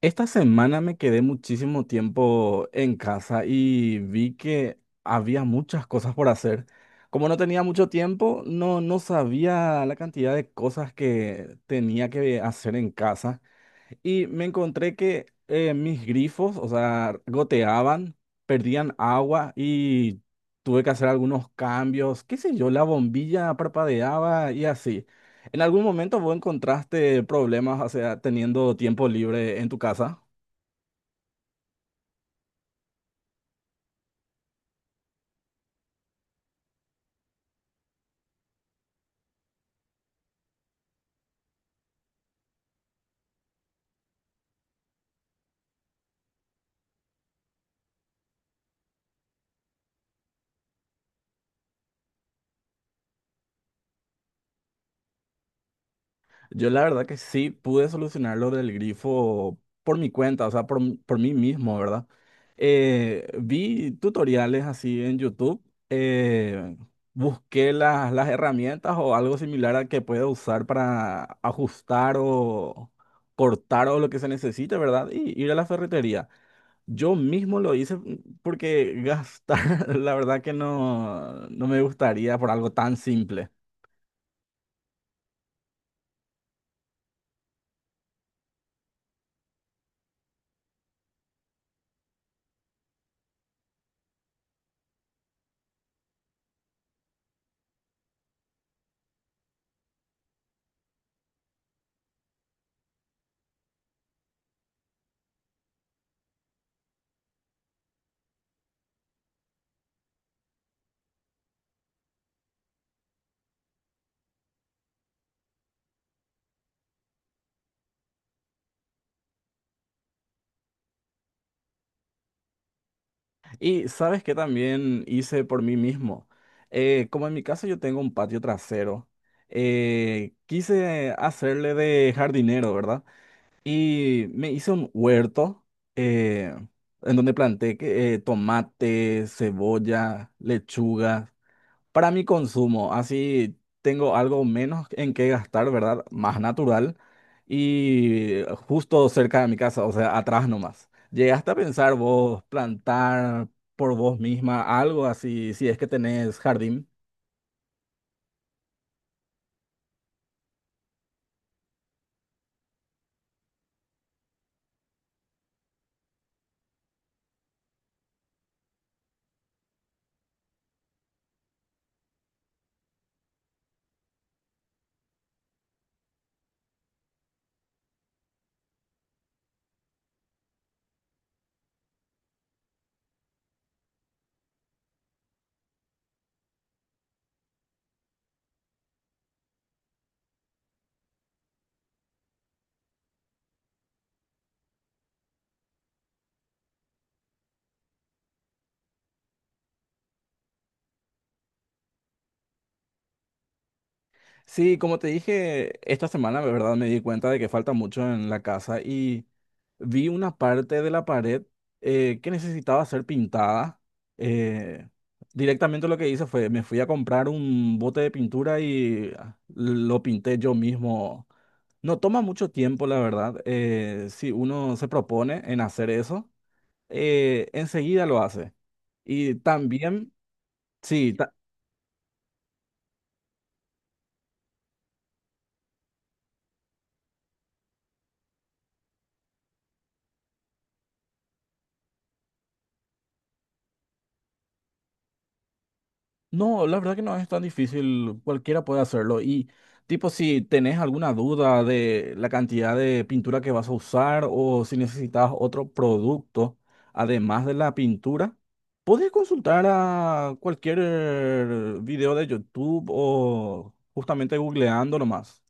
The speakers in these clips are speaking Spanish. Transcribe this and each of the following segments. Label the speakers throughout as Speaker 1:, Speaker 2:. Speaker 1: Esta semana me quedé muchísimo tiempo en casa y vi que había muchas cosas por hacer. Como no tenía mucho tiempo, no sabía la cantidad de cosas que tenía que hacer en casa y me encontré que mis grifos, o sea, goteaban, perdían agua y tuve que hacer algunos cambios, qué sé yo, la bombilla parpadeaba y así. ¿En algún momento vos encontraste problemas, o sea, teniendo tiempo libre en tu casa? Yo la verdad que sí pude solucionar lo del grifo por mi cuenta, o sea, por, por mí mismo, ¿verdad? Vi tutoriales así en YouTube, eh, busqué las herramientas o algo similar a que pueda usar para ajustar o cortar o lo que se necesite, ¿verdad? Y ir a la ferretería. Yo mismo lo hice, mm, porque gastar, la verdad que no, no me gustaría por algo tan simple. Y sabes que también hice por mí mismo. Como en mi casa yo tengo un patio trasero, quise hacerle de jardinero, ¿verdad? Y me hice un huerto eh, en donde planté tomate, cebolla, lechuga. Para mi consumo, así tengo algo menos en qué gastar, ¿verdad? Más natural y justo cerca de mi casa, o sea, atrás nomás. ¿Llegaste a pensar vos plantar por vos misma algo así, si es que tenés jardín? Sí, como te dije, esta semana, la verdad, me di cuenta de que falta mucho en la casa y vi una parte de la pared que necesitaba ser pintada. Eh, Directamente lo que hice fue, me fui a comprar un bote de pintura y lo pinté yo mismo. No toma mucho tiempo, la verdad. Si uno se propone en hacer eso, enseguida lo hace. Y también, sí. No, la verdad que no es tan difícil, cualquiera puede hacerlo. Y tipo, si tenés alguna duda de la cantidad de pintura que vas a usar o si necesitas otro producto además de la pintura, puedes consultar a cualquier video de YouTube o justamente googleando nomás.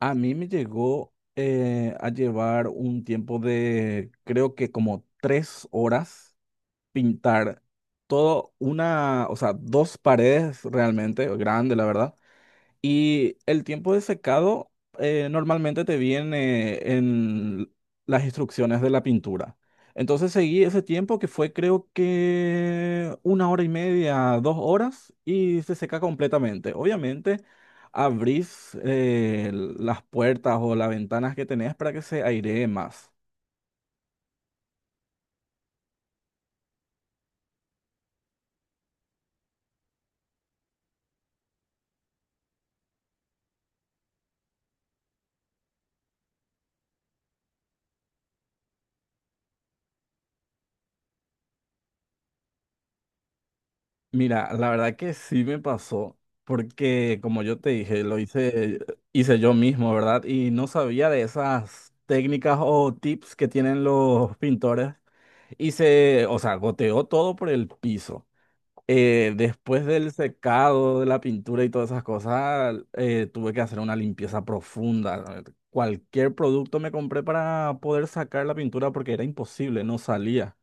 Speaker 1: A mí me llegó a llevar un tiempo de creo que como tres horas pintar todo una, o sea, dos paredes realmente, grande, la verdad. Y el tiempo de secado normalmente te viene en las instrucciones de la pintura. Entonces seguí ese tiempo que fue creo que una hora y media, dos horas y se seca completamente. Obviamente abrís las puertas o las ventanas que tenés para que se airee más. Mira, la verdad que sí me pasó, porque como yo te dije, lo hice, yo mismo, ¿verdad? Y no sabía de esas técnicas o tips que tienen los pintores. Hice, o sea, goteó todo por el piso. Después del secado de la pintura y todas esas cosas, tuve que hacer una limpieza profunda. Cualquier producto me compré para poder sacar la pintura porque era imposible, no salía.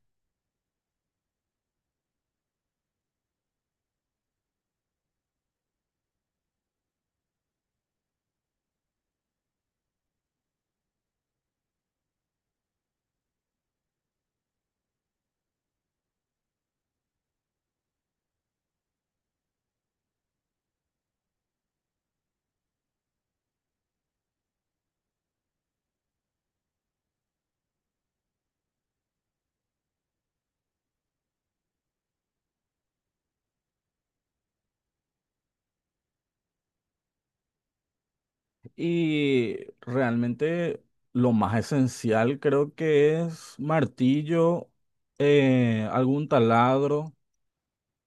Speaker 1: Y realmente lo más esencial creo que es martillo, algún taladro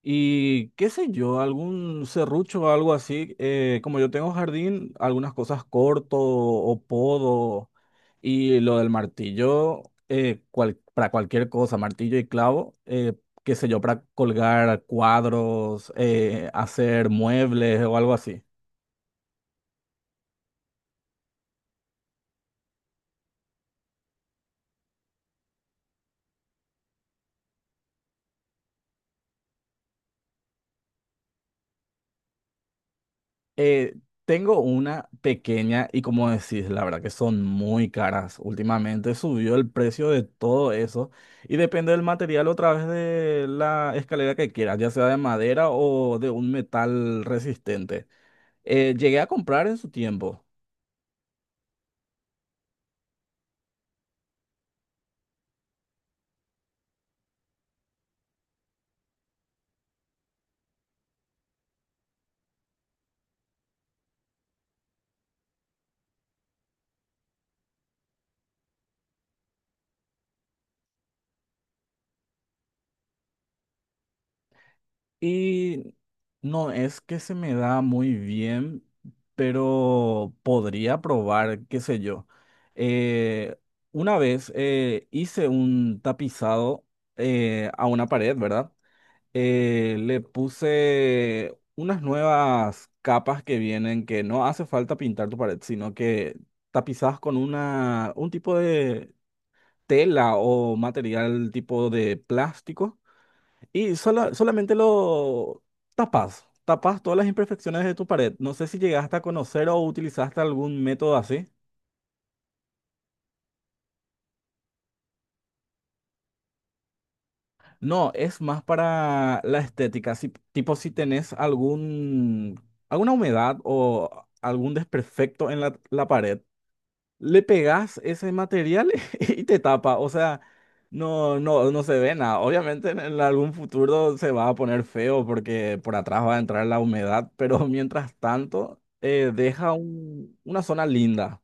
Speaker 1: y qué sé yo, algún serrucho o algo así. Como yo tengo jardín, algunas cosas corto o podo y lo del martillo para cualquier cosa, martillo y clavo, qué sé yo, para colgar cuadros, hacer muebles o algo así. Eh, Tengo una pequeña y como decís, la verdad que son muy caras. Últimamente subió el precio de todo eso y depende del material otra vez de la escalera que quieras, ya sea de madera o de un metal resistente. Llegué a comprar en su tiempo. Y no es que se me da muy bien, pero podría probar, qué sé yo. Eh, una vez hice un tapizado a una pared, ¿verdad? Le puse unas nuevas capas que vienen, que no hace falta pintar tu pared, sino que tapizás con una, un tipo de tela o material tipo de plástico y solamente lo tapas, todas las imperfecciones de tu pared. No sé si llegaste a conocer o utilizaste algún método así. No, es más para la estética. Si, tipo si tenés algún, alguna humedad o algún desperfecto en la pared, le pegas ese material y te tapa. O sea, no se ve nada. Obviamente en algún futuro se va a poner feo porque por atrás va a entrar la humedad, pero mientras tanto deja una zona linda.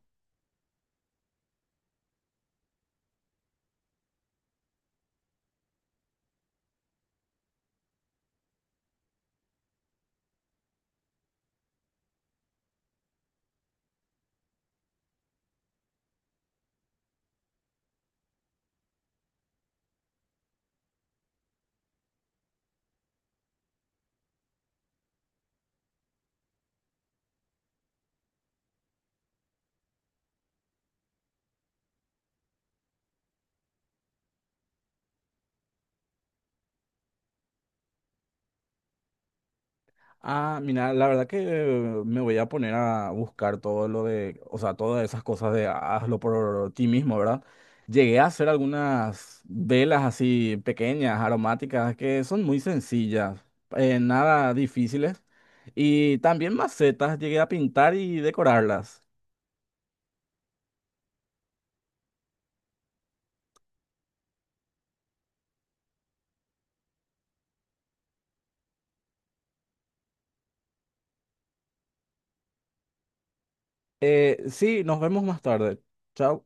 Speaker 1: Ah, mira, la verdad que me voy a poner a buscar todo lo de, o sea, todas esas cosas de hazlo por ti mismo, ¿verdad? Llegué a hacer algunas velas así pequeñas, aromáticas, que son muy sencillas, nada difíciles. Y también macetas, llegué a pintar y decorarlas. Sí, nos vemos más tarde. Chao.